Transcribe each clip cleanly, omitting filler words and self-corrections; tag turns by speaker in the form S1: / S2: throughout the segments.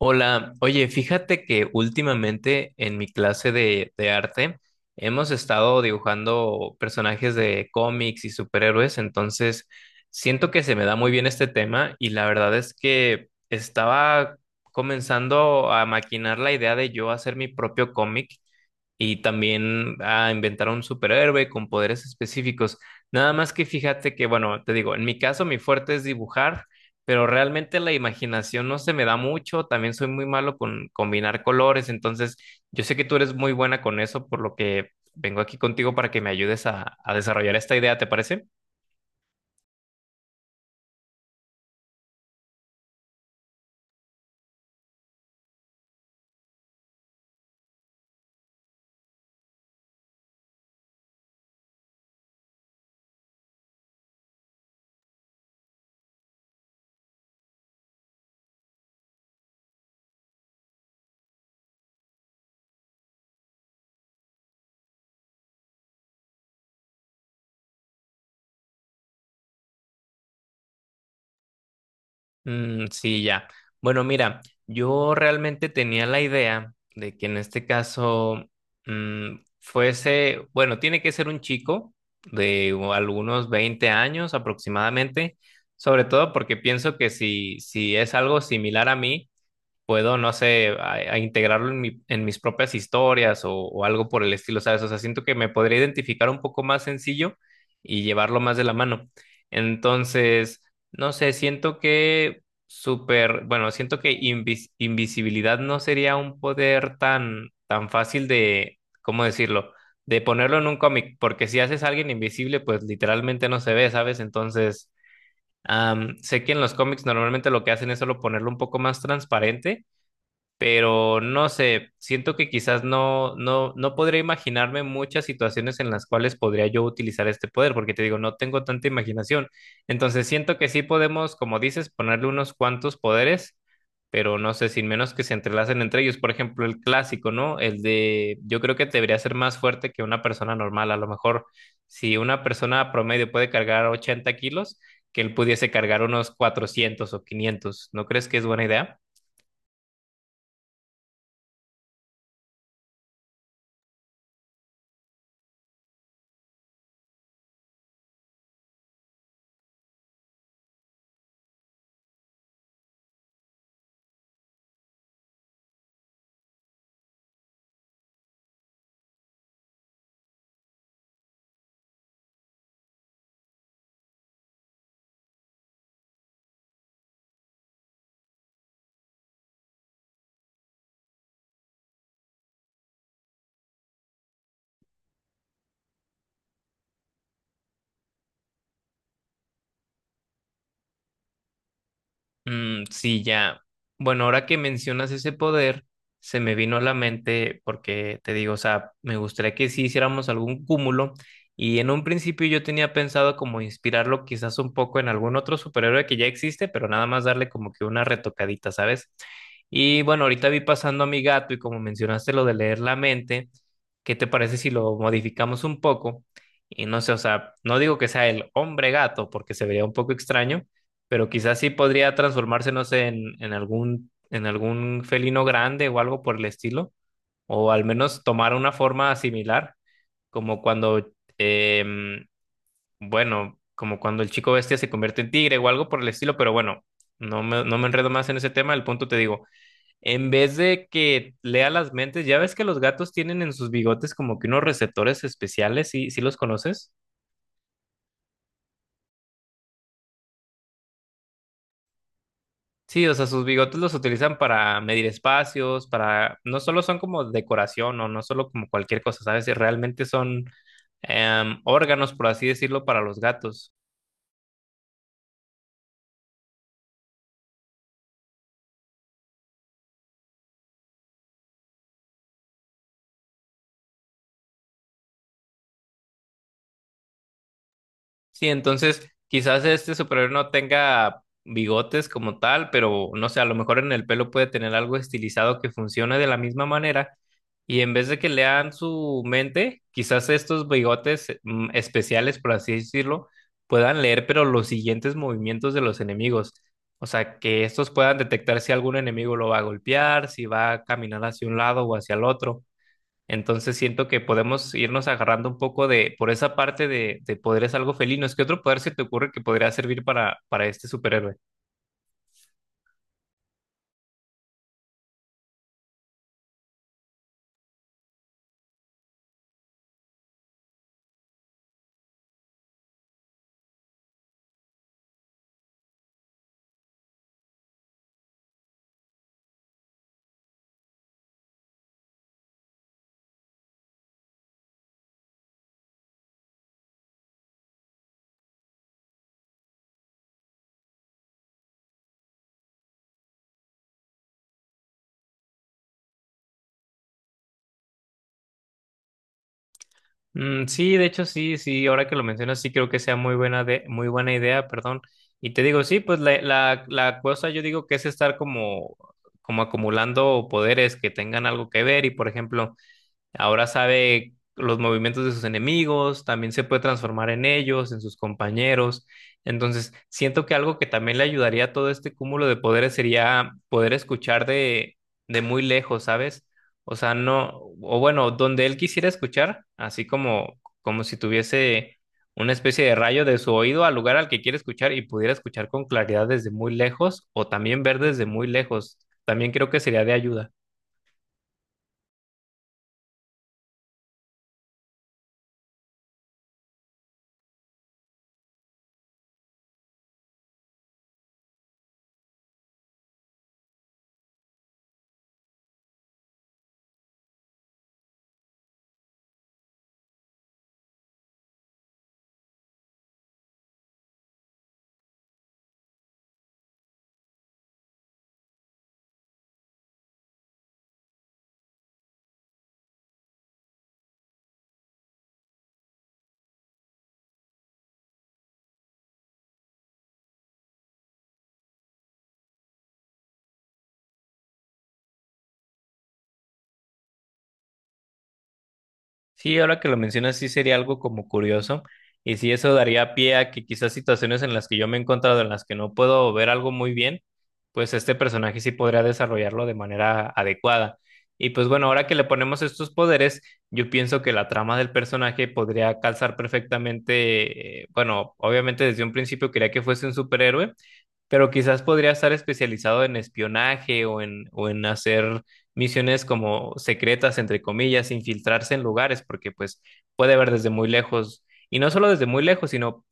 S1: Hola, oye, fíjate que últimamente en mi clase de arte hemos estado dibujando personajes de cómics y superhéroes, entonces siento que se me da muy bien este tema y la verdad es que estaba comenzando a maquinar la idea de yo hacer mi propio cómic y también a inventar un superhéroe con poderes específicos. Nada más que fíjate que, bueno, te digo, en mi caso mi fuerte es dibujar pero realmente la imaginación no se me da mucho, también soy muy malo con combinar colores, entonces yo sé que tú eres muy buena con eso, por lo que vengo aquí contigo para que me ayudes a desarrollar esta idea, ¿te parece? Mm, sí, ya. Bueno, mira, yo realmente tenía la idea de que en este caso mm, fuese, bueno, tiene que ser un chico de algunos 20 años aproximadamente, sobre todo porque pienso que si es algo similar a mí, puedo, no sé, a integrarlo en, en mis propias historias o algo por el estilo, ¿sabes? O sea, siento que me podría identificar un poco más sencillo y llevarlo más de la mano. Entonces, no sé, siento que súper, bueno, siento que invisibilidad no sería un poder tan, tan fácil de, ¿cómo decirlo? De ponerlo en un cómic, porque si haces a alguien invisible, pues literalmente no se ve, ¿sabes? Entonces, sé que en los cómics normalmente lo que hacen es solo ponerlo un poco más transparente pero no sé, siento que quizás no, no podría imaginarme muchas situaciones en las cuales podría yo utilizar este poder, porque te digo, no tengo tanta imaginación. Entonces siento que sí podemos, como dices, ponerle unos cuantos poderes, pero no sé, sin menos que se entrelacen entre ellos. Por ejemplo, el clásico, ¿no? El de, yo creo que debería ser más fuerte que una persona normal. A lo mejor, si una persona promedio puede cargar 80 kilos, que él pudiese cargar unos 400 o 500. ¿No crees que es buena idea? Mm, sí, ya. Bueno, ahora que mencionas ese poder, se me vino a la mente porque te digo, o sea, me gustaría que sí hiciéramos algún cúmulo y en un principio yo tenía pensado como inspirarlo quizás un poco en algún otro superhéroe que ya existe, pero nada más darle como que una retocadita, ¿sabes? Y bueno, ahorita vi pasando a mi gato y como mencionaste lo de leer la mente, ¿qué te parece si lo modificamos un poco? Y no sé, o sea, no digo que sea el hombre gato porque se vería un poco extraño pero quizás sí podría transformarse, no sé, en algún felino grande o algo por el estilo, o al menos tomar una forma similar, como cuando, em, bueno, como cuando el chico bestia se convierte en tigre o algo por el estilo, pero bueno, no me enredo más en ese tema, el punto te digo, en vez de que lea las mentes, ya ves que los gatos tienen en sus bigotes como que unos receptores especiales, ¿sí, sí los conoces? Sí, o sea, sus bigotes los utilizan para medir espacios, para... No solo son como decoración o no solo como cualquier cosa, ¿sabes? Realmente son órganos, por así decirlo, para los gatos. Sí, entonces quizás este superhéroe no tenga bigotes como tal, pero no sé, a lo mejor en el pelo puede tener algo estilizado que funcione de la misma manera. Y en vez de que lean su mente, quizás estos bigotes especiales, por así decirlo, puedan leer, pero los siguientes movimientos de los enemigos. O sea, que estos puedan detectar si algún enemigo lo va a golpear, si va a caminar hacia un lado o hacia el otro. Entonces siento que podemos irnos agarrando un poco de, por esa parte de poderes algo felinos. ¿Qué otro poder se te ocurre que podría servir para este superhéroe? Mm, sí, de hecho, sí, sí, ahora que lo mencionas, sí creo que sea muy buena de, muy buena idea, perdón. Y te digo, sí, pues la cosa yo digo que es estar como, como acumulando poderes que tengan algo que ver. Y por ejemplo, ahora sabe los movimientos de sus enemigos, también se puede transformar en ellos, en sus compañeros. Entonces, siento que algo que también le ayudaría a todo este cúmulo de poderes sería poder escuchar de muy lejos, ¿sabes? O sea, no, o bueno, donde él quisiera escuchar, así como, como si tuviese una especie de rayo de su oído al lugar al que quiere escuchar y pudiera escuchar con claridad desde muy lejos o también ver desde muy lejos. También creo que sería de ayuda. Sí, ahora que lo mencionas, sí sería algo como curioso. Y sí, eso daría pie a que quizás situaciones en las que yo me he encontrado, en las que no puedo ver algo muy bien, pues este personaje sí podría desarrollarlo de manera adecuada. Y pues bueno, ahora que le ponemos estos poderes, yo pienso que la trama del personaje podría calzar perfectamente, bueno, obviamente desde un principio quería que fuese un superhéroe, pero quizás podría estar especializado en espionaje o en hacer misiones como secretas, entre comillas, infiltrarse en lugares, porque pues puede ver desde muy lejos, y no solo desde muy lejos, sino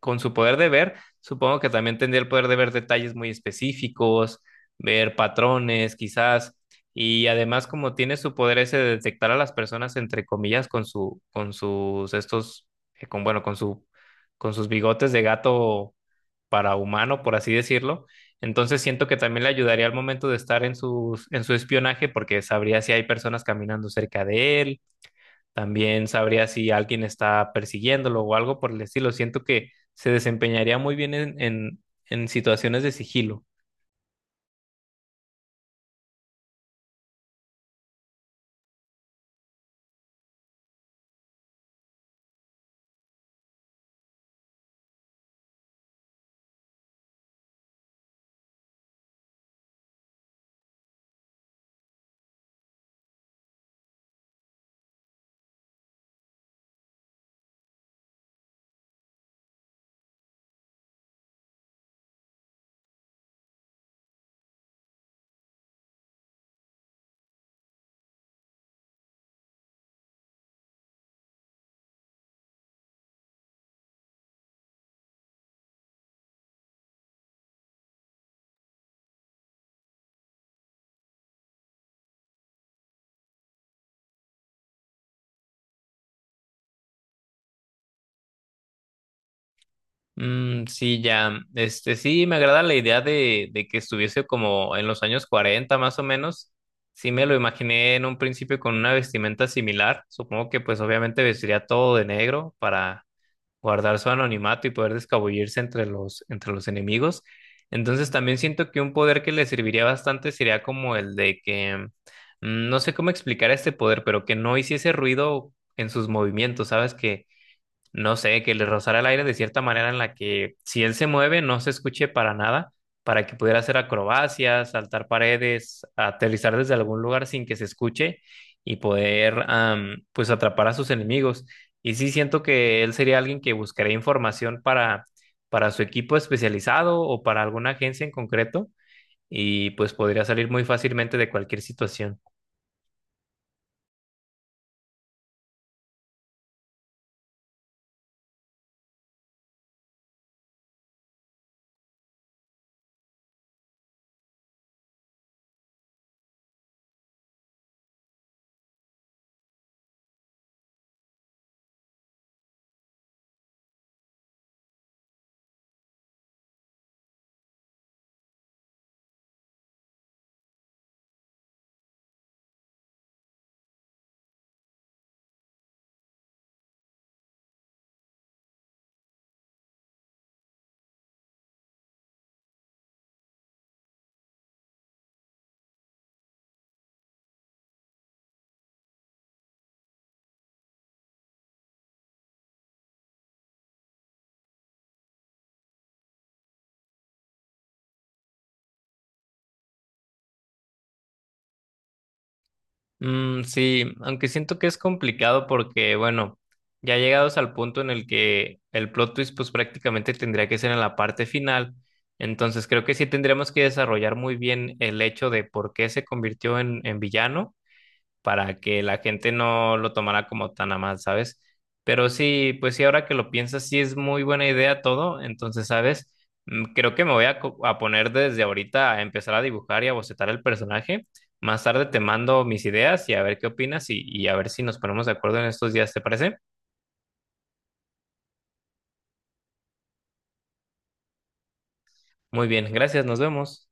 S1: con su poder de ver, supongo que también tendría el poder de ver detalles muy específicos, ver patrones quizás, y además como tiene su poder ese de detectar a las personas, entre comillas, con su, con sus, estos, con, bueno, con su, con sus bigotes de gato para humano, por así decirlo. Entonces siento que también le ayudaría al momento de estar en su espionaje porque sabría si hay personas caminando cerca de él, también sabría si alguien está persiguiéndolo o algo por el estilo. Siento que se desempeñaría muy bien en situaciones de sigilo. Mm, sí, ya, este sí, me agrada la idea de que estuviese como en los años 40 más o menos. Sí, me lo imaginé en un principio con una vestimenta similar. Supongo que pues obviamente vestiría todo de negro para guardar su anonimato y poder descabullirse entre los enemigos. Entonces también siento que un poder que le serviría bastante sería como el de que, no sé cómo explicar este poder, pero que no hiciese ruido en sus movimientos, ¿sabes? Que no sé, que le rozara el aire de cierta manera en la que si él se mueve no se escuche para nada, para que pudiera hacer acrobacias, saltar paredes, aterrizar desde algún lugar sin que se escuche y poder pues atrapar a sus enemigos. Y sí siento que él sería alguien que buscaría información para su equipo especializado o para alguna agencia en concreto y pues podría salir muy fácilmente de cualquier situación. Mm, sí, aunque siento que es complicado porque, bueno, ya llegados al punto en el que el plot twist pues prácticamente tendría que ser en la parte final, entonces creo que sí tendríamos que desarrollar muy bien el hecho de por qué se convirtió en villano para que la gente no lo tomara como tan a mal, ¿sabes? Pero sí, pues sí, ahora que lo piensas, sí es muy buena idea todo, entonces, ¿sabes? Mm, creo que me voy a, a poner desde ahorita a empezar a dibujar y a bocetar el personaje. Más tarde te mando mis ideas y a ver qué opinas y a ver si nos ponemos de acuerdo en estos días, ¿te parece? Muy bien, gracias, nos vemos.